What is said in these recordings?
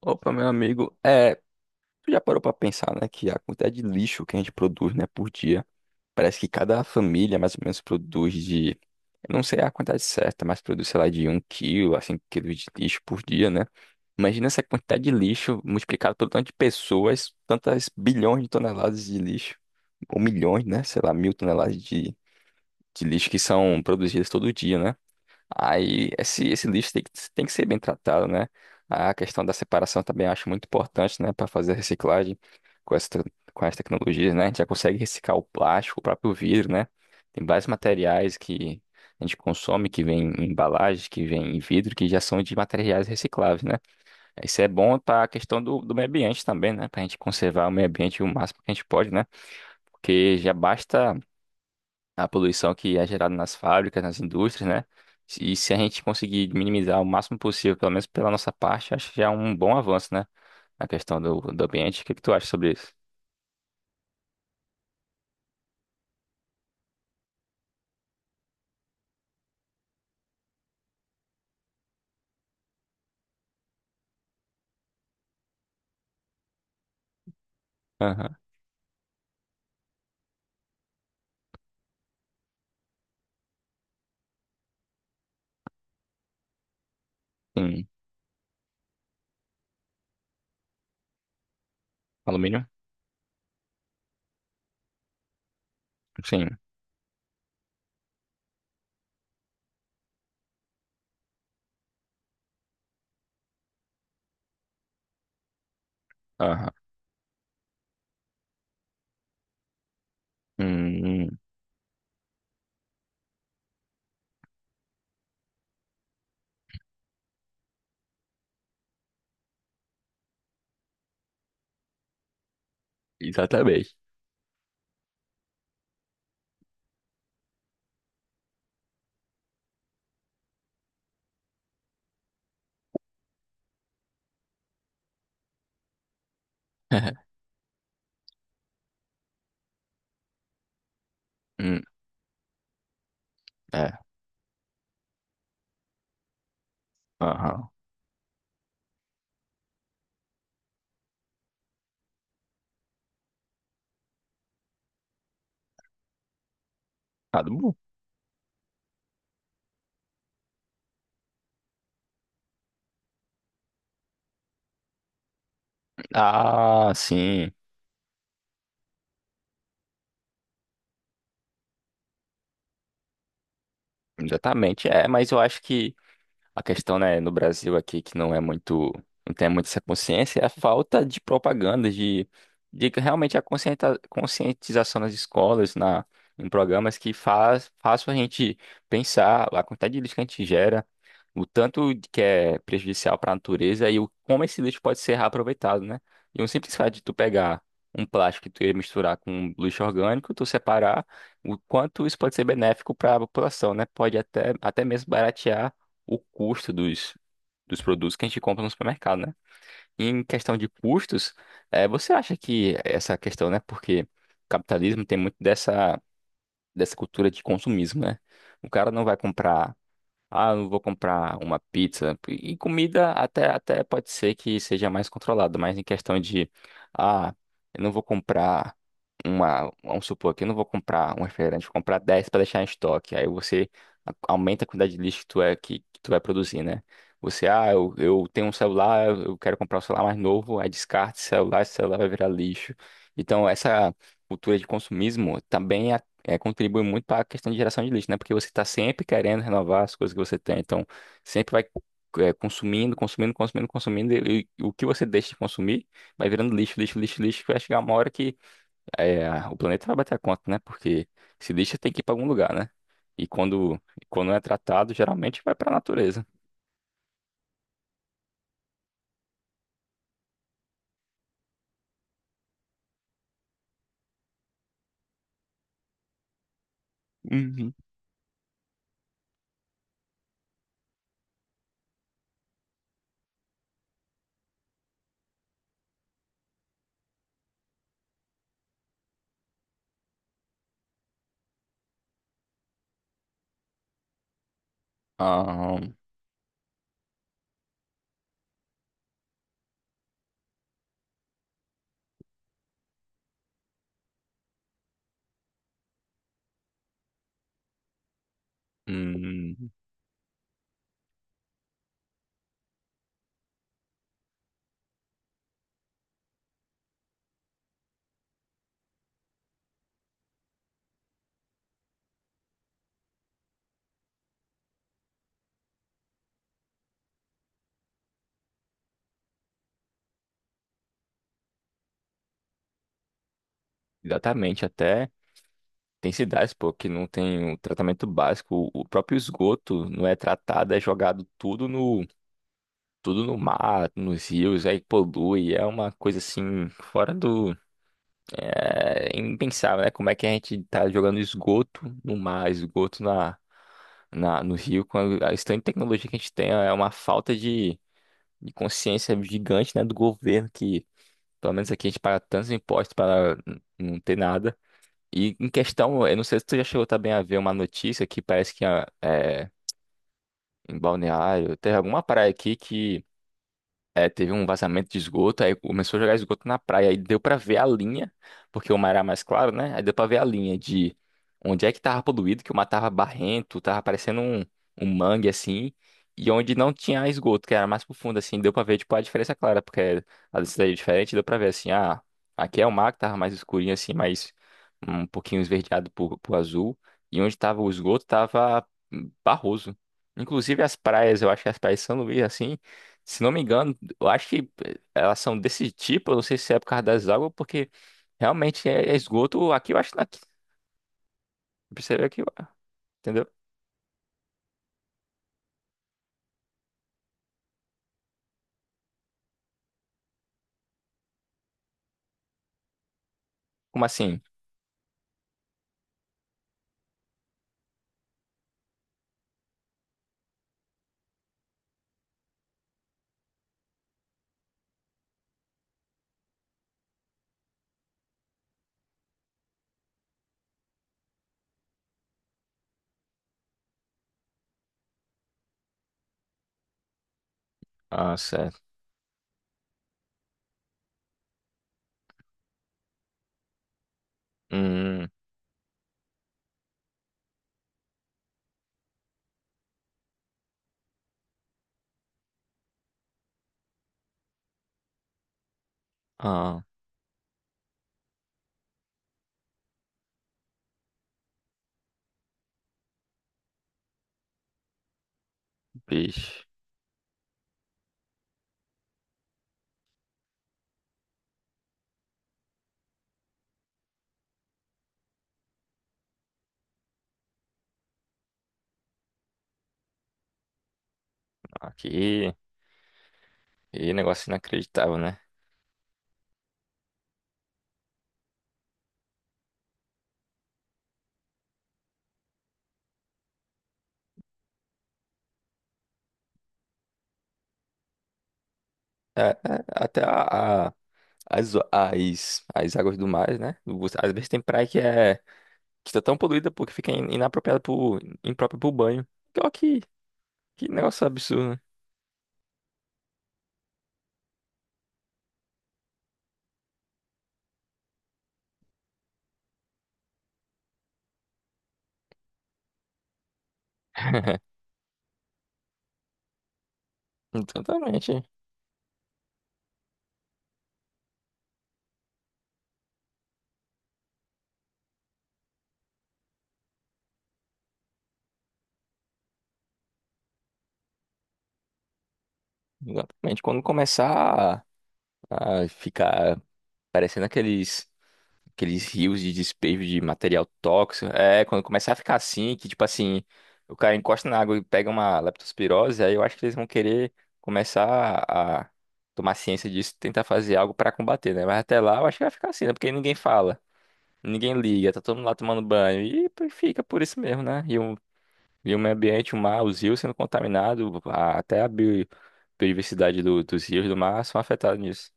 Opa, meu amigo, tu já parou pra pensar, né, que a quantidade de lixo que a gente produz, né, por dia, parece que cada família mais ou menos eu não sei a quantidade certa, mas produz, sei lá, de um quilo a 5 quilos de lixo por dia, né? Imagina essa quantidade de lixo multiplicado pelo tanto de pessoas, tantas bilhões de toneladas de lixo, ou milhões, né, sei lá, mil de lixo que são produzidas todo dia, né? Aí esse lixo tem que ser bem tratado, né? A questão da separação também eu acho muito importante, né, para fazer a reciclagem com as tecnologias, né? A gente já consegue reciclar o plástico, o próprio vidro, né? Tem vários materiais que a gente consome, que vem em embalagem, que vem em vidro, que já são de materiais recicláveis, né? Isso é bom para a questão do meio ambiente também, né? Para a gente conservar o meio ambiente o máximo que a gente pode, né? Porque já basta a poluição que é gerada nas fábricas, nas indústrias, né? E se a gente conseguir minimizar o máximo possível, pelo menos pela nossa parte, acho que já é um bom avanço, né? Na questão do ambiente. O que que tu acha sobre isso? Aham. Sim. Alumínio? Sim. Aham. Hum, exatamente. Hum, é. Aham. Tá bom. Ah, sim. Exatamente. É, mas eu acho que a questão, né, no Brasil aqui que não é muito, não tem muito essa consciência, é a falta de propaganda, de que realmente a conscientização nas escolas, na, em programas que façam a gente pensar a quantidade de lixo que a gente gera, o tanto de que é prejudicial para a natureza e o, como esse lixo pode ser reaproveitado, né? E um simples fato de tu pegar um plástico que tu ia misturar com um lixo orgânico, tu separar, o quanto isso pode ser benéfico para a população, né? Pode até mesmo baratear o custo dos produtos que a gente compra no supermercado, né? E em questão de custos, você acha que essa questão, né? Porque o capitalismo tem muito dessa cultura de consumismo, né? O cara não vai comprar, ah, eu não vou comprar uma pizza. E comida até pode ser que seja mais controlada, mas em questão de, ah, eu não vou comprar uma, vamos supor que eu não vou comprar um refrigerante, vou comprar 10 para deixar em estoque. Aí você aumenta a quantidade de lixo que que tu vai produzir, né? Você, ah, eu tenho um celular, eu quero comprar um celular mais novo, aí descarta esse celular vai virar lixo. Então, essa cultura de consumismo também contribui muito para a questão de geração de lixo, né? Porque você está sempre querendo renovar as coisas que você tem. Então, sempre vai consumindo, consumindo, consumindo, consumindo, e o que você deixa de consumir vai virando lixo, lixo, lixo, lixo, que vai chegar uma hora que o planeta vai bater a conta, né? Porque se lixo tem que ir para algum lugar, né? E quando, e quando é tratado, geralmente vai para a natureza. Uhum. Ah, hum, exatamente, até tem cidades, pô, que não tem o tratamento básico. O próprio esgoto não é tratado, é jogado tudo no mar, nos rios, aí polui. É uma coisa assim, fora do. É impensável, né? Como é que a gente tá jogando esgoto no mar, no rio, com a estante de tecnologia que a gente tem, é uma falta de consciência gigante, né, do governo, que pelo menos aqui a gente paga tantos impostos para não ter nada. E em questão, eu não sei se tu já chegou também a ver uma notícia que parece que ah, é, em Balneário, teve alguma praia aqui é, teve um vazamento de esgoto, aí começou a jogar esgoto na praia, aí deu pra ver a linha, porque o mar era mais claro, né? Aí deu pra ver a linha de onde é que tava poluído, que o mar tava barrento, tava parecendo um, um mangue assim, e onde não tinha esgoto, que era mais profundo assim, deu pra ver tipo a diferença clara, porque a densidade é diferente, deu pra ver assim, ah, aqui é o mar que tava mais escurinho assim, mais um pouquinho esverdeado pro azul, e onde tava o esgoto tava barroso. Inclusive as praias, eu acho que as praias de São Luís assim, se não me engano, eu acho que elas são desse tipo, eu não sei se é por causa das águas, porque realmente é esgoto aqui, eu acho que aqui. Percebeu aqui, ó, entendeu? Como assim? Ah, certo. Hum, ah, bicho. Aqui. E negócio inacreditável, né? É, é, até as águas do mar, né? Você, às vezes tem praia que é que tá tão poluída porque fica inapropriada pro, imprópria pro banho. Então, que negócio absurdo, né? Totalmente. Exatamente. Quando começar. Ah, fica parecendo aqueles rios de despejo de material tóxico. É, quando começar a ficar assim, que tipo assim, o cara encosta na água e pega uma leptospirose, aí eu acho que eles vão querer começar a tomar ciência disso, tentar fazer algo pra combater, né? Mas até lá eu acho que vai ficar assim, né? Porque ninguém fala, ninguém liga, tá todo mundo lá tomando banho e fica por isso mesmo, né? E o meio ambiente, o mar, os rios sendo contaminados, até a biodiversidade dos rios do mar são afetados nisso.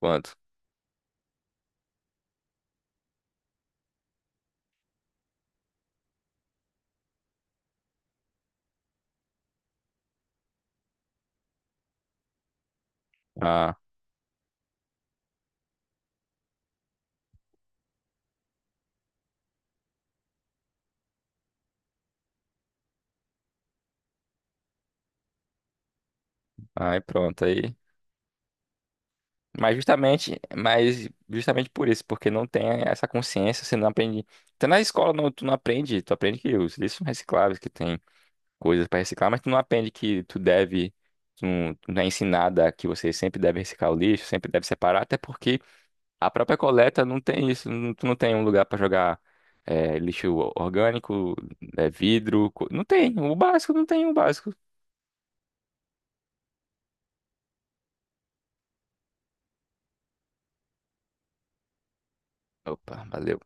Quanto? Aí pronto, aí. Mas justamente por isso, porque não tem essa consciência, você não aprende. Até na escola não, tu não aprende, tu aprende que os lixos são recicláveis, que tem coisas para reciclar, mas tu não aprende que tu deve, tu não é ensinada que você sempre deve reciclar o lixo, sempre deve separar, até porque a própria coleta não tem isso, tu não tem um lugar para jogar lixo orgânico, vidro, não tem, o básico não tem o básico. Opa, valeu.